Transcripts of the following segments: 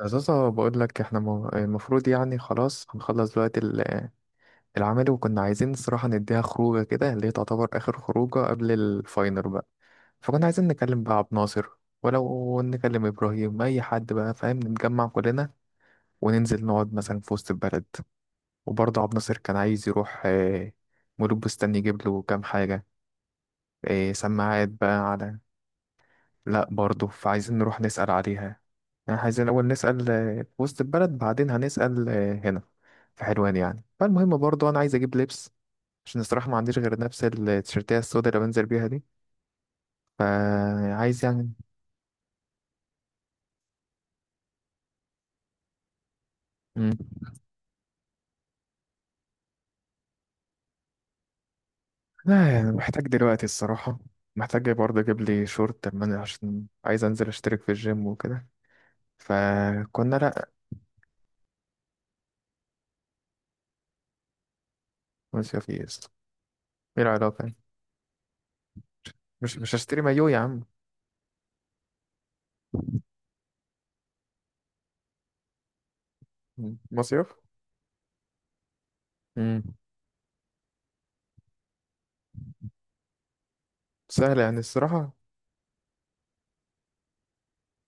أساسا بقول لك احنا المفروض يعني خلاص هنخلص دلوقتي العمل، وكنا عايزين الصراحة نديها خروجة كده اللي هي تعتبر آخر خروجة قبل الفاينل بقى. فكنا عايزين نكلم بقى عبد ناصر، ولو نكلم إبراهيم أي حد بقى فاهم، نتجمع كلنا وننزل نقعد مثلا في وسط البلد. وبرضه عبد ناصر كان عايز يروح مولود بستان يجيب له كام حاجة، سماعات بقى على. لا، برضه فعايزين نروح نسأل عليها. يعني عايزين الأول نسأل في وسط البلد، بعدين هنسأل هنا في حلوان. يعني فالمهم برضه أنا عايز أجيب لبس عشان الصراحة ما عنديش غير نفس التيشيرتية السوداء اللي بنزل بيها دي. فعايز يعني. مم. لا يعني محتاج دلوقتي الصراحة. محتاج برضه أجيب لي شورت لما عشان عايز أنزل أشترك في الجيم وكده. فكنا لأ. مصيف إيه يا اسطى؟ إيه العلاقة يعني؟ مش هشتري مايو يا عم. مم. مصيف. مم. سهلة يعني الصراحة.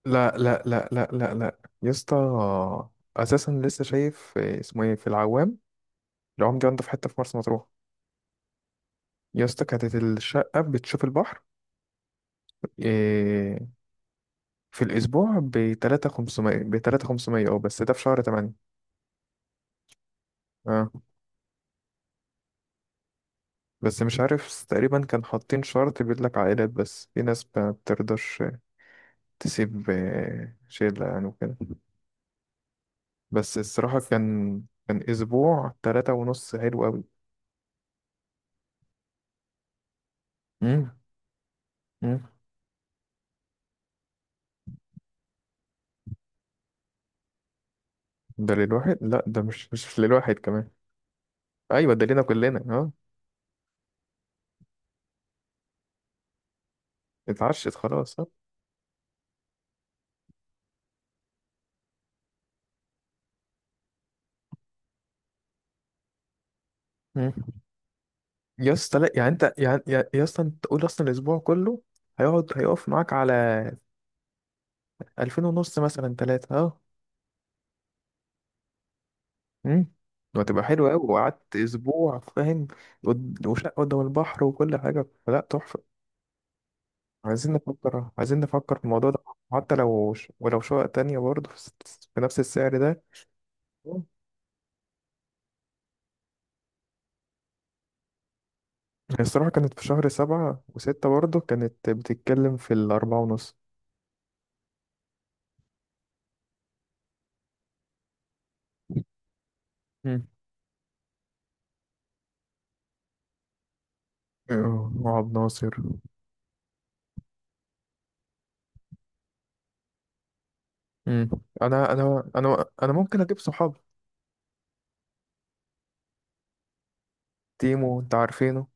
لا لا لا لا لا لا يا اسطى، اساسا لسه شايف اسمه ايه في العوام. العوام دي عنده في حته في مرسى مطروح. يا اسطى كانت الشقه بتشوف البحر. آه، في الاسبوع ب 3500 ب 3500، اه بس ده في شهر 8. اه بس مش عارف، تقريبا كان حاطين شرط بيقول لك عائلات بس، في ناس ما بترضاش تسيب شله يعني وكده. بس الصراحه كان اسبوع تلاتة ونص حلو قوي. ده للواحد. لا ده مش للواحد كمان. ايوه ده لينا كلنا، اه. اتعشت خلاص، اه. مم. يا اسطى، لا يعني انت يعني يا اسطى، انت تقول اصلا الاسبوع كله هيقف معاك على 2000 ونص، مثلا ثلاثة، اه. امم. وهتبقى حلوة قوي وقعدت اسبوع فاهم. وشقة قدام البحر وكل حاجة، فلا تحفة. عايزين نفكر، عايزين نفكر في الموضوع ده. حتى لو ولو شقة تانية برضه في نفس السعر ده. هي الصراحة كانت في شهر سبعة وستة، برضه كانت بتتكلم في الأربعة ونص. مم. آه، وعبد ناصر. مم. أنا ممكن أجيب صحاب. تيمو أنت عارفينه.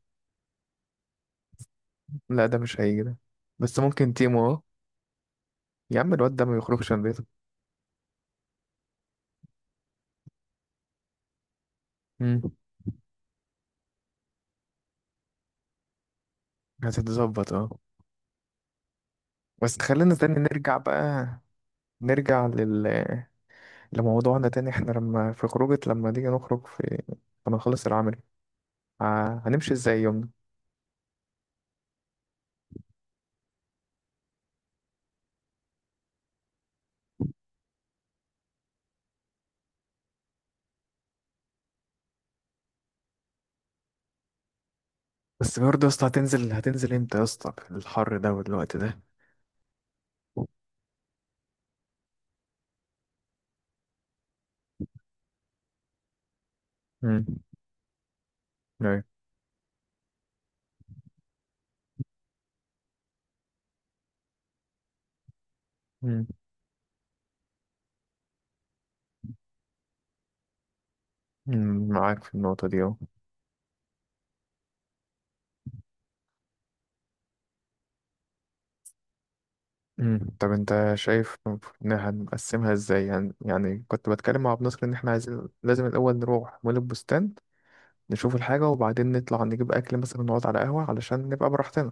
لا ده مش هيجي ده. بس ممكن تيمو، أه. يا عم الواد ده ما يخرجش من بيته. مم. هتتظبط، أه. بس خلينا تاني نرجع بقى، نرجع لموضوعنا تاني. احنا لما في خروجة، لما نيجي نخرج في، لما نخلص العمل، هنمشي ازاي؟ بس برضه يا اسطى هتنزل امتى يا اسطى في الحر ده والوقت ده؟ امم. ايوه. امم. أمم، معاك في النقطة دي اهو. أمم، طب انت شايف ان هنقسمها ازاي يعني؟ يعني كنت بتكلم مع ابو نصر ان احنا عايزين لازم الاول نروح مول البستان، نشوف الحاجة وبعدين نطلع نجيب اكل مثلا، نقعد على قهوة علشان نبقى براحتنا.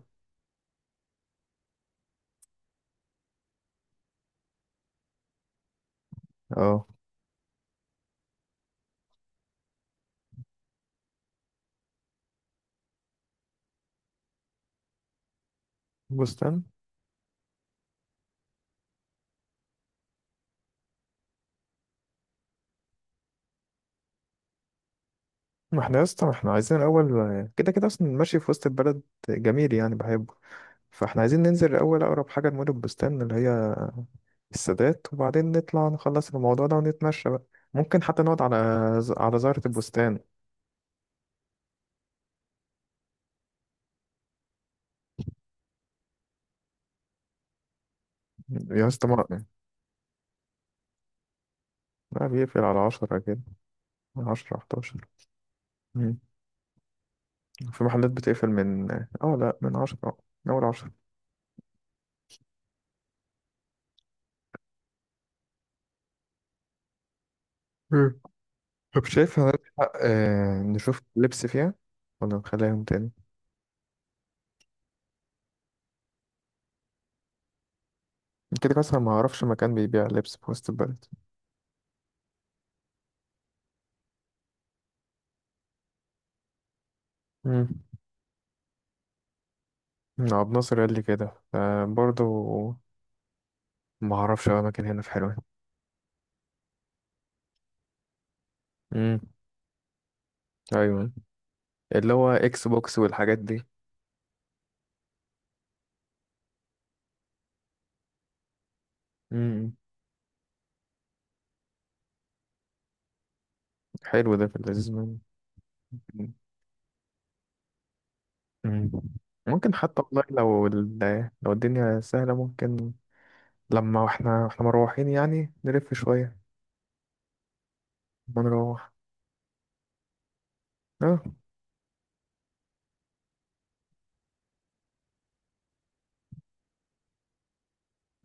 اه. بستان. ما احنا يا اسطى ما احنا عايزين الاول، كده كده اصلا ماشي في وسط البلد، جميل يعني بحبه. فاحنا عايزين ننزل الأول أقرب حاجة لمول البستان، اللي هي السادات. وبعدين نطلع نخلص الموضوع ده ونتمشى بقى. ممكن حتى نقعد على، على زهرة البستان. يا اسطى، ما بيقفل على عشرة كده، عشرة حداشر. مم. في محلات بتقفل من لا، من عشرة. من أول عشرة. مم. طب شايف هنلحق نشوف لبس فيها ولا نخليها يوم تاني؟ كده كده أصلا ما أعرفش مكان بيبيع لبس في وسط البلد. مم. عبد ناصر قال لي كده، فبرضه ما اعرفش أوي اماكن هنا في حلوان. امم. ايوه، اللي هو اكس بوكس والحاجات دي. امم. حلو، ده في اللذيذ منه. مم. ممكن حتى والله لو لو الدنيا سهلة، ممكن لما احنا مروحين يعني نلف شوية، ما نروح. اه.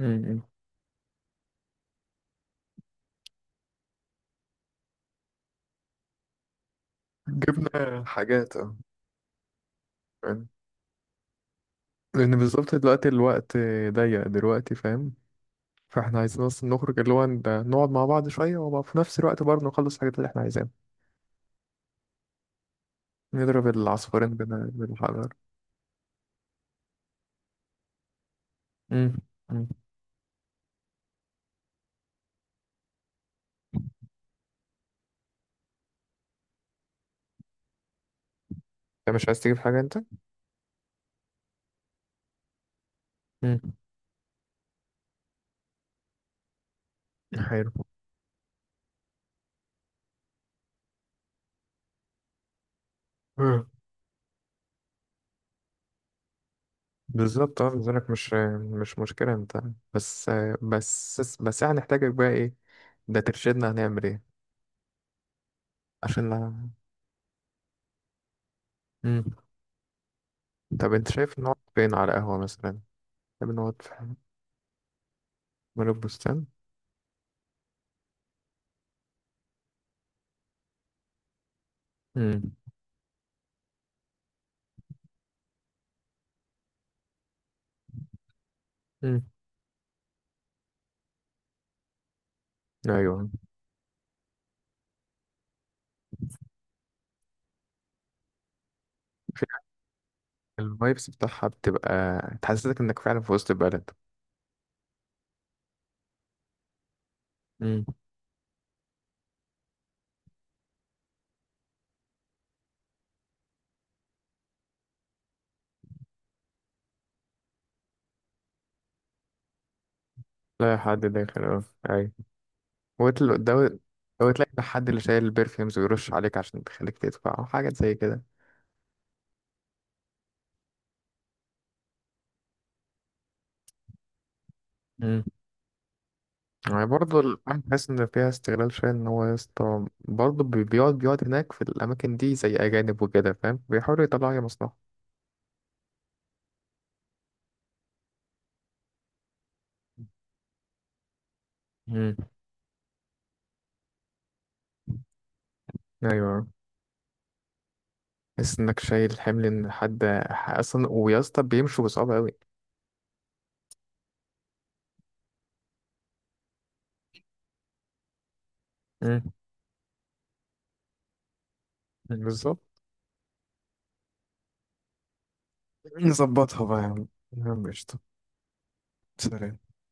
مم. جبنا حاجات، اه. فاهم؟ لأن بالظبط دلوقتي الوقت ضيق دلوقتي، فاهم. فاحنا عايزين اصلا نخرج اللي هو نقعد مع بعض شوية، وفي نفس الوقت برضه نخلص الحاجات اللي احنا عايزينها. نضرب العصفورين بين بين الحجر. مم. مم. انت مش عايز تجيب حاجة انت؟ مم. حلو. مم. بالظبط، اه. بالنسبة لك مش، مش مشكلة انت. بس بس احنا هنحتاجك بقى ايه، ده ترشدنا هنعمل ايه. عشان لا. مم. طب انت شايف نقعد فين على قهوة مثلا؟ طب نقعد في مول البستان. مم. مم. ايوه، في الفايبس بتاعها بتبقى تحسسك انك فعلا في وسط البلد. مم. لا، حد داخل، اه. ايوه. ده، وتلاقي الحد اللي شايل البرفيومز ويرش عليك عشان تخليك تدفع أو حاجة زي كده. مم. يعني برضه الأمن، بحس إن فيها استغلال شوية، إن هو يا اسطى برضه بيقعد هناك في الأماكن دي زي أجانب وكده فاهم، بيحاولوا يطلعوا أي مصلحة. مم. أيوه، تحس إنك شايل حمل إن حد، أصلا ويا اسطى بيمشوا بصعوبة أوي. مم. بالظبط. نظبطها بقى يا عم، يا عم قشطة. سلام.